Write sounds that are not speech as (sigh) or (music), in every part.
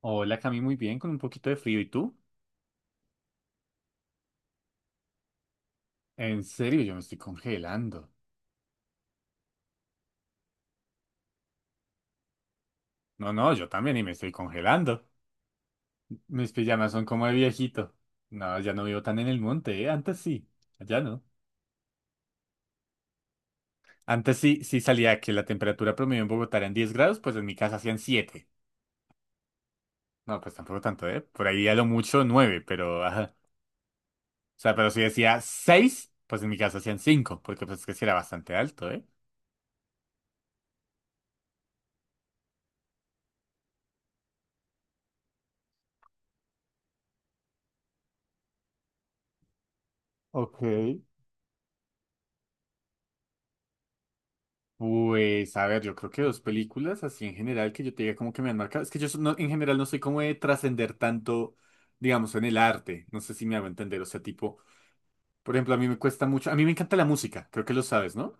Hola, Cami, muy bien, con un poquito de frío. ¿Y tú? En serio, yo me estoy congelando. No, no, yo también y me estoy congelando. Mis pijamas son como de viejito. No, ya no vivo tan en el monte, ¿eh? Antes sí, ya no. Antes sí, sí salía que la temperatura promedio en Bogotá era en 10 grados, pues en mi casa hacían 7. No, pues tampoco tanto, ¿eh? Por ahí a lo mucho 9, pero. Ajá. O sea, pero si decía 6, pues en mi casa hacían 5, porque pues es que sí era bastante alto, ¿eh? Ok. Pues, a ver, yo creo que dos películas así en general que yo te diga como que me han marcado. Es que yo en general no soy como de trascender tanto, digamos, en el arte. No sé si me hago entender. O sea, tipo, por ejemplo, a mí me cuesta mucho. A mí me encanta la música, creo que lo sabes, ¿no? O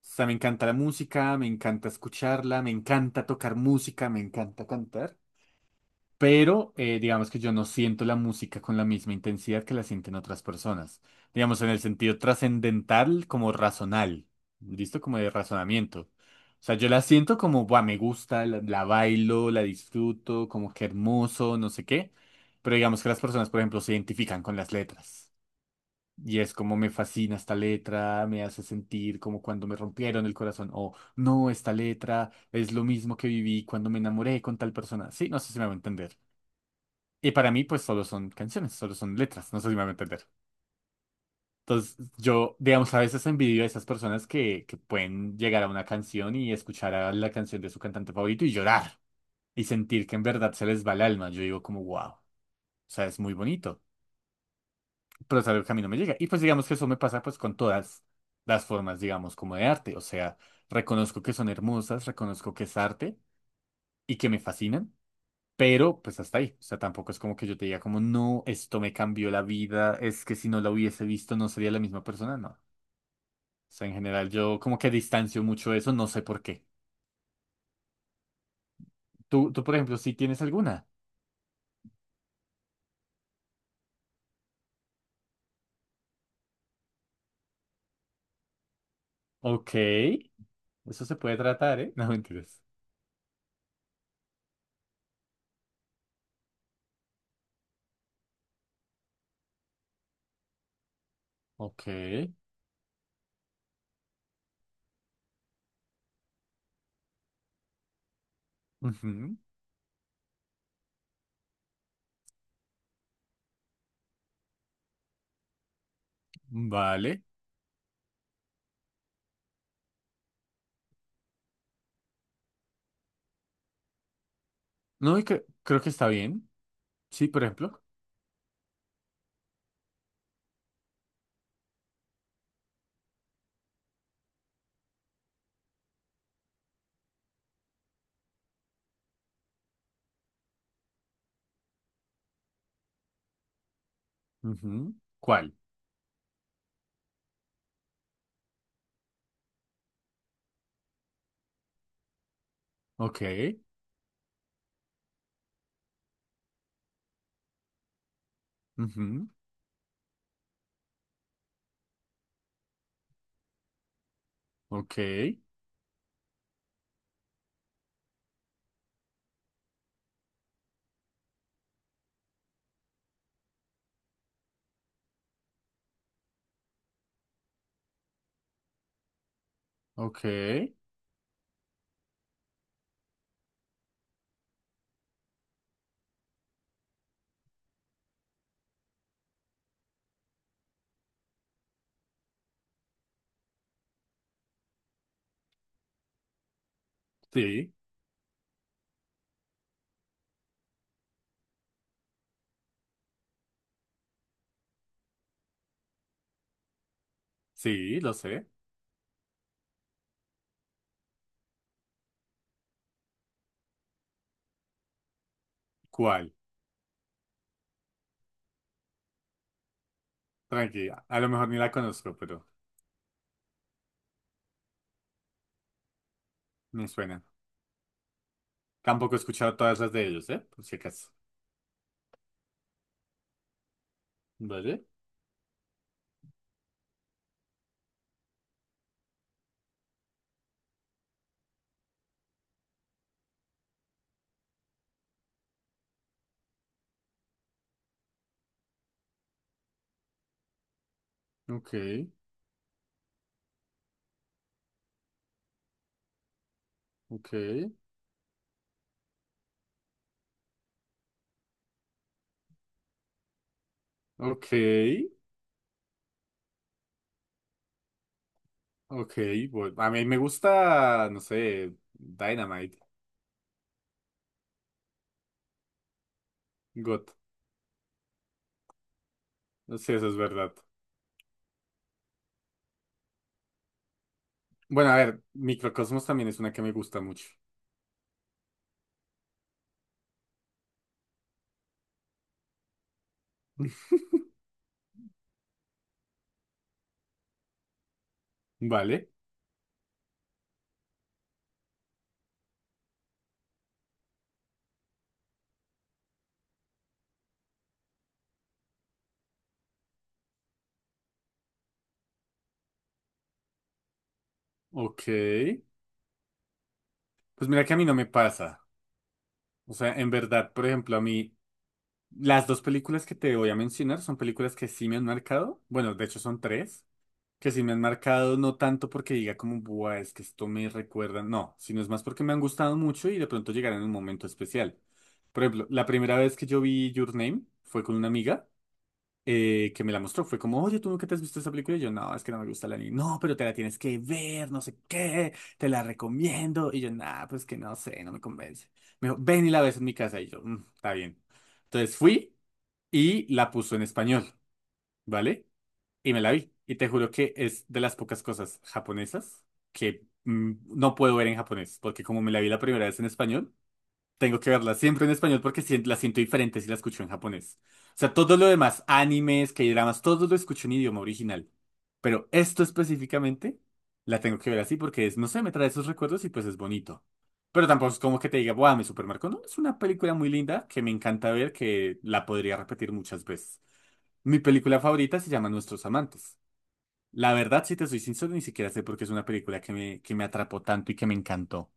sea, me encanta la música, me encanta escucharla, me encanta tocar música, me encanta cantar, pero digamos que yo no siento la música con la misma intensidad que la sienten otras personas. Digamos, en el sentido trascendental como razonal, ¿listo? Como de razonamiento. O sea, yo la siento como, buah, me gusta, la bailo, la disfruto, como que hermoso, no sé qué. Pero digamos que las personas, por ejemplo, se identifican con las letras. Y es como, me fascina esta letra, me hace sentir como cuando me rompieron el corazón, o no, esta letra es lo mismo que viví cuando me enamoré con tal persona. Sí, no sé si me va a entender. Y para mí, pues solo son canciones, solo son letras, no sé si me van a entender. Entonces, yo, digamos, a veces envidio a esas personas que pueden llegar a una canción y escuchar a la canción de su cantante favorito y llorar y sentir que en verdad se les va el alma. Yo digo como, wow, o sea, es muy bonito, pero es algo que a mí no me llega. Y pues digamos que eso me pasa pues con todas las formas, digamos, como de arte. O sea, reconozco que son hermosas, reconozco que es arte y que me fascinan, pero pues hasta ahí. O sea, tampoco es como que yo te diga como, no, esto me cambió la vida, es que si no la hubiese visto no sería la misma persona, no. O sea, en general yo como que distancio mucho eso, no sé por qué. Tú por ejemplo, sí tienes alguna. Ok, eso se puede tratar, ¿eh? (laughs) No, mentiras. Ok, ujú, vale. No, y creo que está bien. Sí, por ejemplo. Ujú. ¿Cuál? Ok. Ujú. Ok. Ok. Sí, sí, lo sé. ¿Cuál? Tranquila. A lo mejor ni la conozco, pero me suena. Tampoco he escuchado todas las de ellos, ¿eh? Por si acaso. ¿Vale? Ok. Ok. Ok. Ok. A mí me gusta, no sé, Dynamite. God. No sé, eso es verdad. Bueno, a ver, Microcosmos también es una que me gusta mucho. (laughs) Vale. Ok. Pues mira que a mí no me pasa. O sea, en verdad, por ejemplo, a mí, las dos películas que te voy a mencionar son películas que sí me han marcado. Bueno, de hecho son tres, que sí me han marcado, no tanto porque diga como, buah, es que esto me recuerda, no, sino es más porque me han gustado mucho y de pronto llegarán en un momento especial. Por ejemplo, la primera vez que yo vi Your Name fue con una amiga que me la mostró. Fue como, oye, ¿tú nunca te has visto esta película? Y yo, no, es que no me gusta el anime. No, pero te la tienes que ver, no sé qué, te la recomiendo. Y yo, nah, pues que no sé, no me convence. Me dijo, ven y la ves en mi casa. Y yo, "Mm, está bien." Entonces fui y la puso en español, ¿vale? Y me la vi. Y te juro que es de las pocas cosas japonesas que no puedo ver en japonés, porque como me la vi la primera vez en español, tengo que verla siempre en español porque la siento diferente si la escucho en japonés. O sea, todo lo demás, animes, K-dramas, todo lo escucho en idioma original. Pero esto específicamente la tengo que ver así porque es, no sé, me trae esos recuerdos y pues es bonito. Pero tampoco es como que te diga, ¡buah, me supermarco! No, es una película muy linda que me encanta ver, que la podría repetir muchas veces. Mi película favorita se llama Nuestros Amantes. La verdad, si te soy sincero, ni siquiera sé por qué es una película que me atrapó tanto y que me encantó.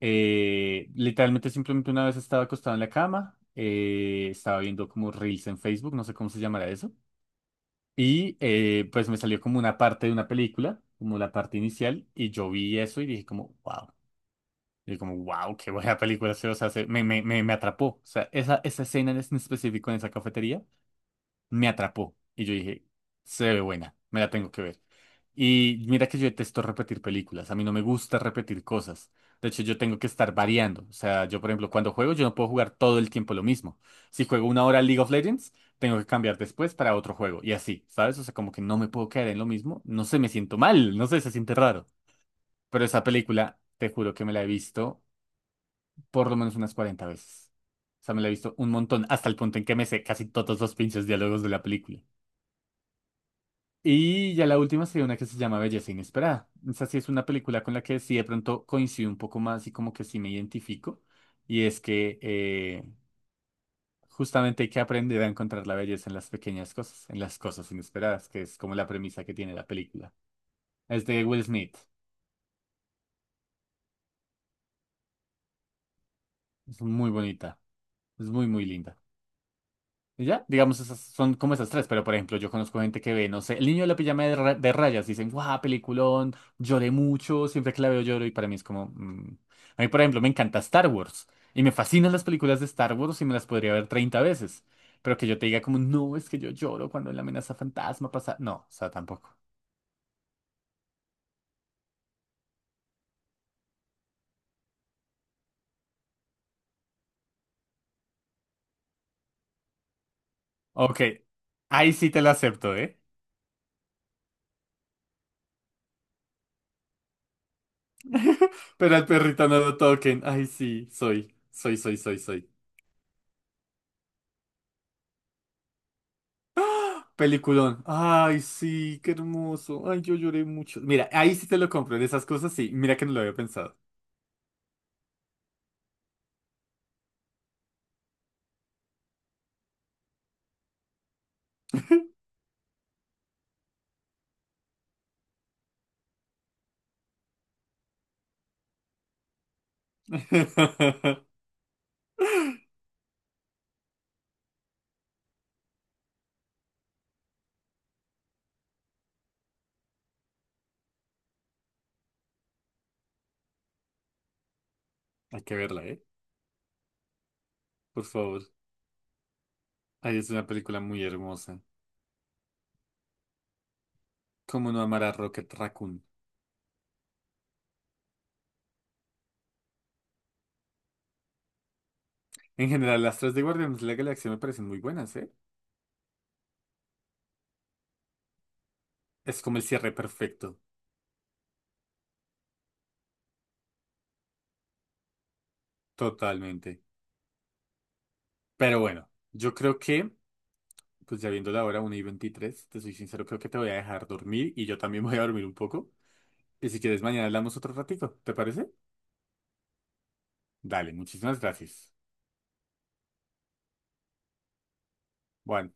Literalmente simplemente una vez estaba acostado en la cama, estaba viendo como Reels en Facebook, no sé cómo se llamará eso, y pues me salió como una parte de una película, como la parte inicial, y yo vi eso y dije como, wow, y como, wow, qué buena película, me atrapó, o sea, esa escena en específico en esa cafetería me atrapó. Y yo dije, se ve buena, me la tengo que ver. Y mira que yo detesto repetir películas, a mí no me gusta repetir cosas. De hecho, yo tengo que estar variando. O sea, yo, por ejemplo, cuando juego, yo no puedo jugar todo el tiempo lo mismo. Si juego una hora League of Legends, tengo que cambiar después para otro juego. Y así, ¿sabes? O sea, como que no me puedo quedar en lo mismo. No sé, me siento mal, no sé, se siente raro. Pero esa película, te juro que me la he visto por lo menos unas 40 veces. O sea, me la he visto un montón, hasta el punto en que me sé casi todos los pinches diálogos de la película. Y ya la última sería una que se llama Belleza Inesperada. Esa sí es una película con la que sí de pronto coincido un poco más y como que sí me identifico. Y es que justamente hay que aprender a encontrar la belleza en las pequeñas cosas, en las cosas inesperadas, que es como la premisa que tiene la película. Es de Will Smith. Es muy bonita. Es muy, muy linda. Y ya, digamos, esas son como esas tres, pero por ejemplo, yo conozco gente que ve, no sé, El niño de la pijama de rayas, dicen, guau, peliculón, lloré mucho, siempre que la veo lloro, y para mí es como, mm. A mí, por ejemplo, me encanta Star Wars, y me fascinan las películas de Star Wars y me las podría ver 30 veces, pero que yo te diga como, no, es que yo lloro cuando en la amenaza fantasma pasa, no, o sea, tampoco. Ok, ahí sí te lo acepto, ¿eh? Pero al perrito no lo toquen, ay sí, soy, soy, soy, soy, soy. Peliculón. Ay, sí, qué hermoso. Ay, yo lloré mucho. Mira, ahí sí te lo compro. En esas cosas sí. Mira que no lo había pensado. (laughs) Hay que verla, ¿eh? Por favor. Ay, es una película muy hermosa. ¿Cómo no amar a Rocket Raccoon? En general, las tres de Guardianes de la Galaxia me parecen muy buenas, ¿eh? Es como el cierre perfecto. Totalmente. Pero bueno, yo creo que, pues ya viendo la hora 1:23, te soy sincero, creo que te voy a dejar dormir y yo también voy a dormir un poco. Y si quieres, mañana hablamos otro ratito, ¿te parece? Dale, muchísimas gracias. Bueno,